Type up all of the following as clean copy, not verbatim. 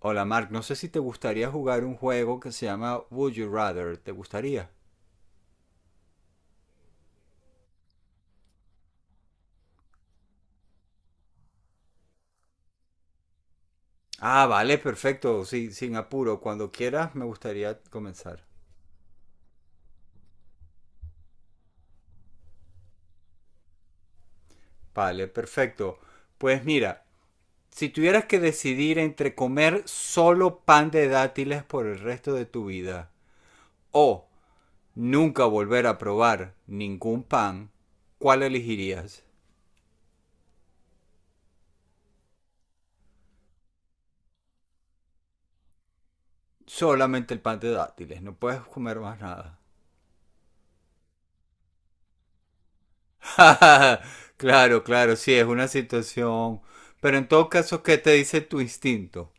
Hola Mark, no sé si te gustaría jugar un juego que se llama Would You Rather. ¿Te gustaría? Ah, vale, perfecto. Sí, sin apuro. Cuando quieras, me gustaría comenzar. Vale, perfecto. Pues mira, si tuvieras que decidir entre comer solo pan de dátiles por el resto de tu vida o nunca volver a probar ningún pan, ¿cuál elegirías? Solamente el pan de dátiles, no puedes comer más nada. Claro, claro, sí, es una situación. Pero en todo caso, ¿qué te dice tu instinto?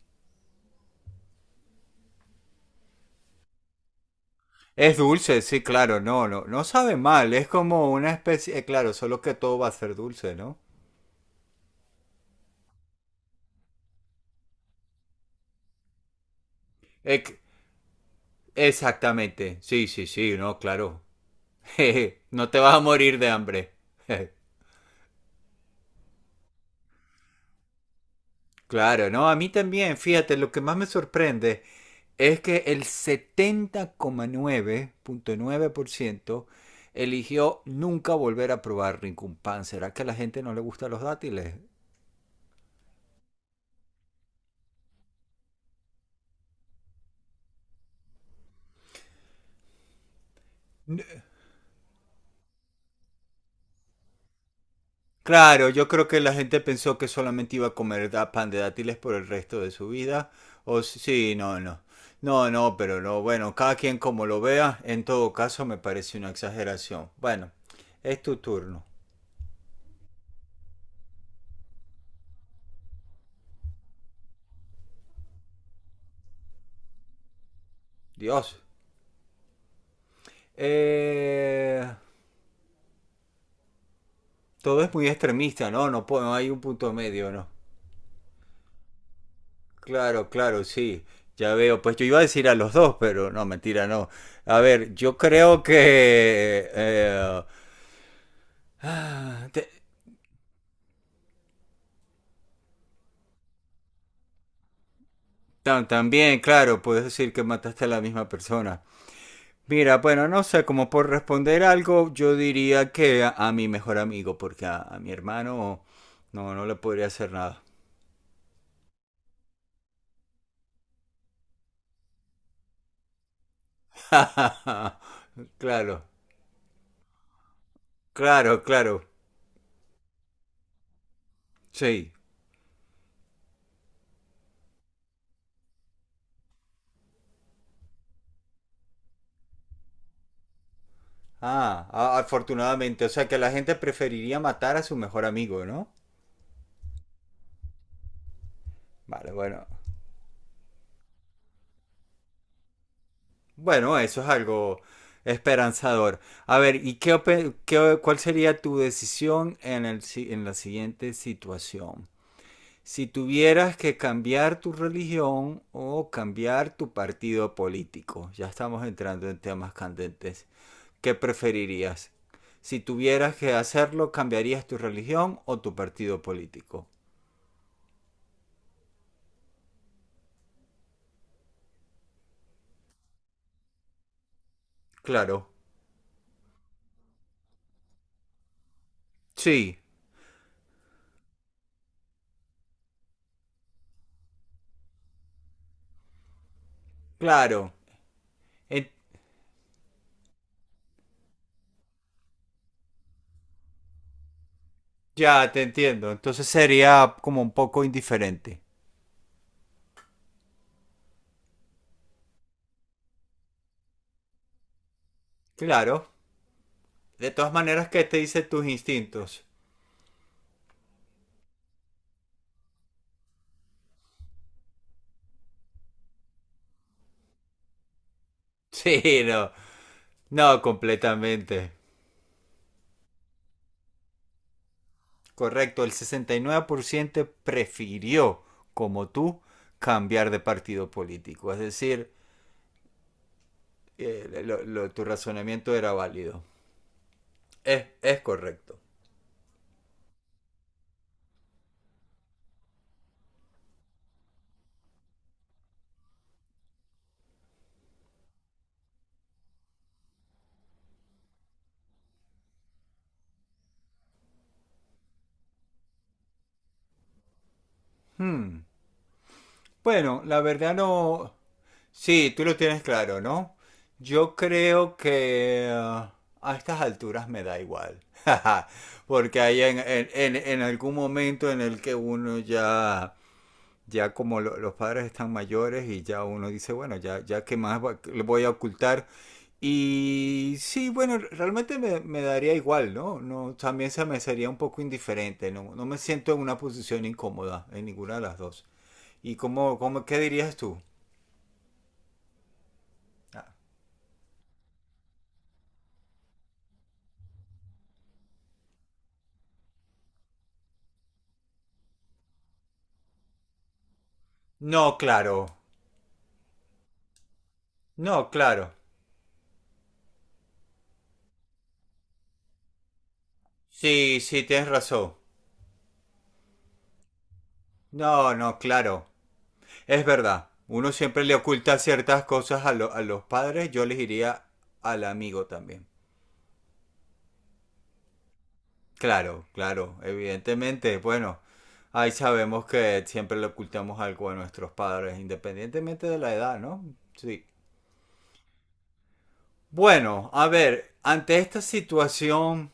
Es dulce, sí, claro, no, no, no sabe mal, es como una especie, claro, solo que todo va a ser dulce, ¿no? Ec- exactamente, sí, sí, sí, no, claro. No te vas a morir de hambre. Claro, no, a mí también, fíjate, lo que más me sorprende es que el setenta coma nueve nueve punto nueve por ciento eligió nunca volver a probar ningún pan. ¿Será que a la gente no le gustan los dátiles? Claro, yo creo que la gente pensó que solamente iba a comer pan de dátiles por el resto de su vida. Sí, no, no. No, no, pero no. Bueno, cada quien como lo vea, en todo caso me parece una exageración. Bueno, es tu turno. Dios. Eh, Todo es muy extremista, ¿no? No, no hay un punto medio, ¿no? Claro, claro, sí. Ya veo. Pues yo iba a decir a los dos, pero no, mentira, no. A ver, yo creo que ah, te- también, claro, puedes decir que mataste a la misma persona. Mira, bueno, no sé, como por responder algo, yo diría que a mi mejor amigo, porque a mi hermano no le podría hacer nada. Claro, claro, claro, sí. Ah, afortunadamente, o sea que la gente preferiría matar a su mejor amigo, ¿no? Vale, bueno. Bueno, eso es algo esperanzador. A ver, ¿y cuál sería tu decisión en la siguiente situación? Si tuvieras que cambiar tu religión o cambiar tu partido político, ya estamos entrando en temas candentes, ¿qué preferirías? Si tuvieras que hacerlo, ¿cambiarías tu religión o tu partido político? Claro. Sí, claro, en- ya te entiendo. Entonces sería como un poco indiferente. Claro. De todas maneras, ¿qué te dicen tus instintos? Sí, no. No, completamente. Correcto, el 69% prefirió, como tú, cambiar de partido político. Es decir, tu razonamiento era válido. Es correcto. Hmm. Bueno, la verdad no. Sí, tú lo tienes claro, ¿no? Yo creo que a estas alturas me da igual. Porque hay en algún momento en el que uno ya como los padres están mayores y ya uno dice, bueno, ya qué más le voy a ocultar. Y sí, bueno, realmente me daría igual, ¿no? No, también se me sería un poco indiferente, no, no me siento en una posición incómoda en ninguna de las dos. ¿Y qué dirías tú? No, claro. No, claro. Sí, sí, tienes razón. No, no, claro. Es verdad. Uno siempre le oculta ciertas cosas a los padres. Yo les diría al amigo también. Claro, claro. Evidentemente, bueno. Ahí sabemos que siempre le ocultamos algo a nuestros padres, independientemente de la edad, ¿no? Sí. Bueno, a ver, ante esta situación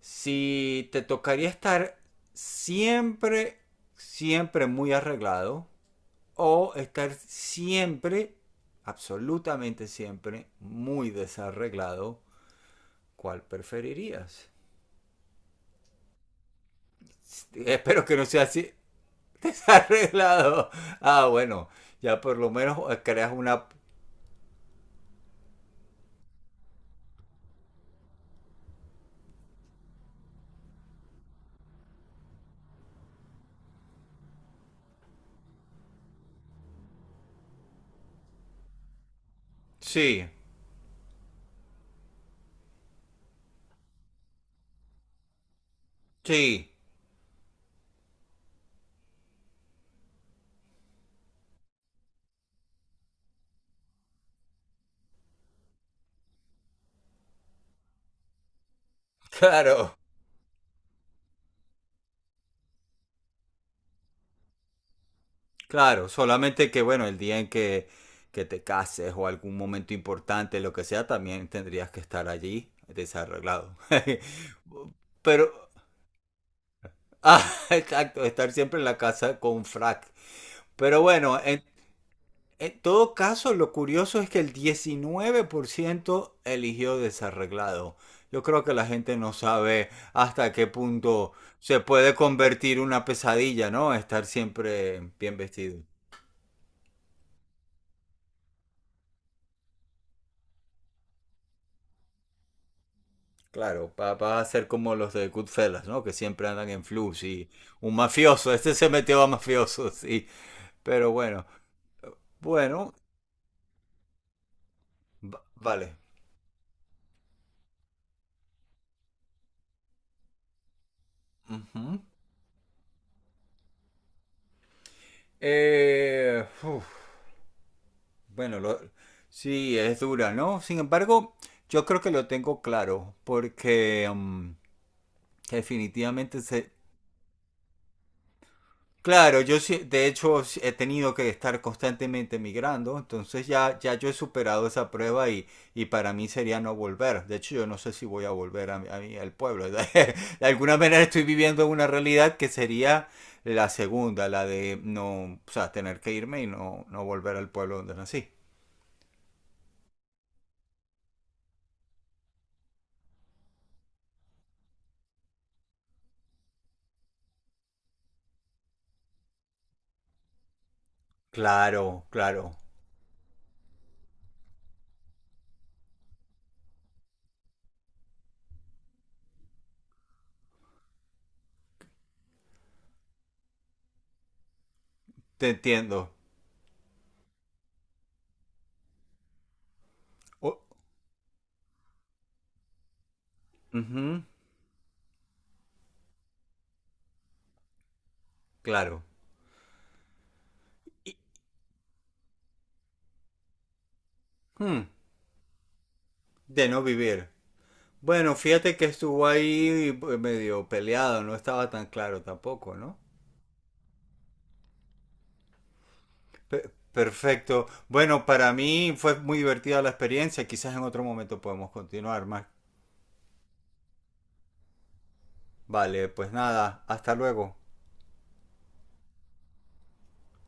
si te tocaría estar siempre, siempre muy arreglado o estar siempre, absolutamente siempre, muy desarreglado, ¿cuál preferirías? Espero que no sea así. Desarreglado. Ah, bueno, ya por lo menos creas una. Sí, sí, claro. Claro, solamente que bueno, el día en que te cases o algún momento importante, lo que sea, también tendrías que estar allí desarreglado. Pero, ah, exacto, estar siempre en la casa con frac. Pero bueno, en todo caso, lo curioso es que el 19% eligió desarreglado. Yo creo que la gente no sabe hasta qué punto se puede convertir una pesadilla, ¿no? Estar siempre bien vestido. Claro, va a ser como los de Goodfellas, ¿no? Que siempre andan en flux y un mafioso, este se metió a mafioso, sí. Pero bueno, bueno, vale. Ujú. Uf, bueno, sí, es dura, ¿no? Sin embargo, yo creo que lo tengo claro, porque definitivamente se, claro, de hecho sí he tenido que estar constantemente migrando, entonces ya yo he superado esa prueba y para mí sería no volver. De hecho, yo no sé si voy a volver al pueblo. De alguna manera estoy viviendo una realidad que sería la segunda, la de no, o sea, tener que irme y no, no volver al pueblo donde nací. Claro, claro, te entiendo. O- ujú, claro. Hmm, de no vivir. Bueno, fíjate que estuvo ahí pues, medio peleado, no estaba tan claro tampoco, ¿no? Perfecto. Bueno, para mí fue muy divertida la experiencia, quizás en otro momento podemos continuar más. Vale, pues nada, hasta luego.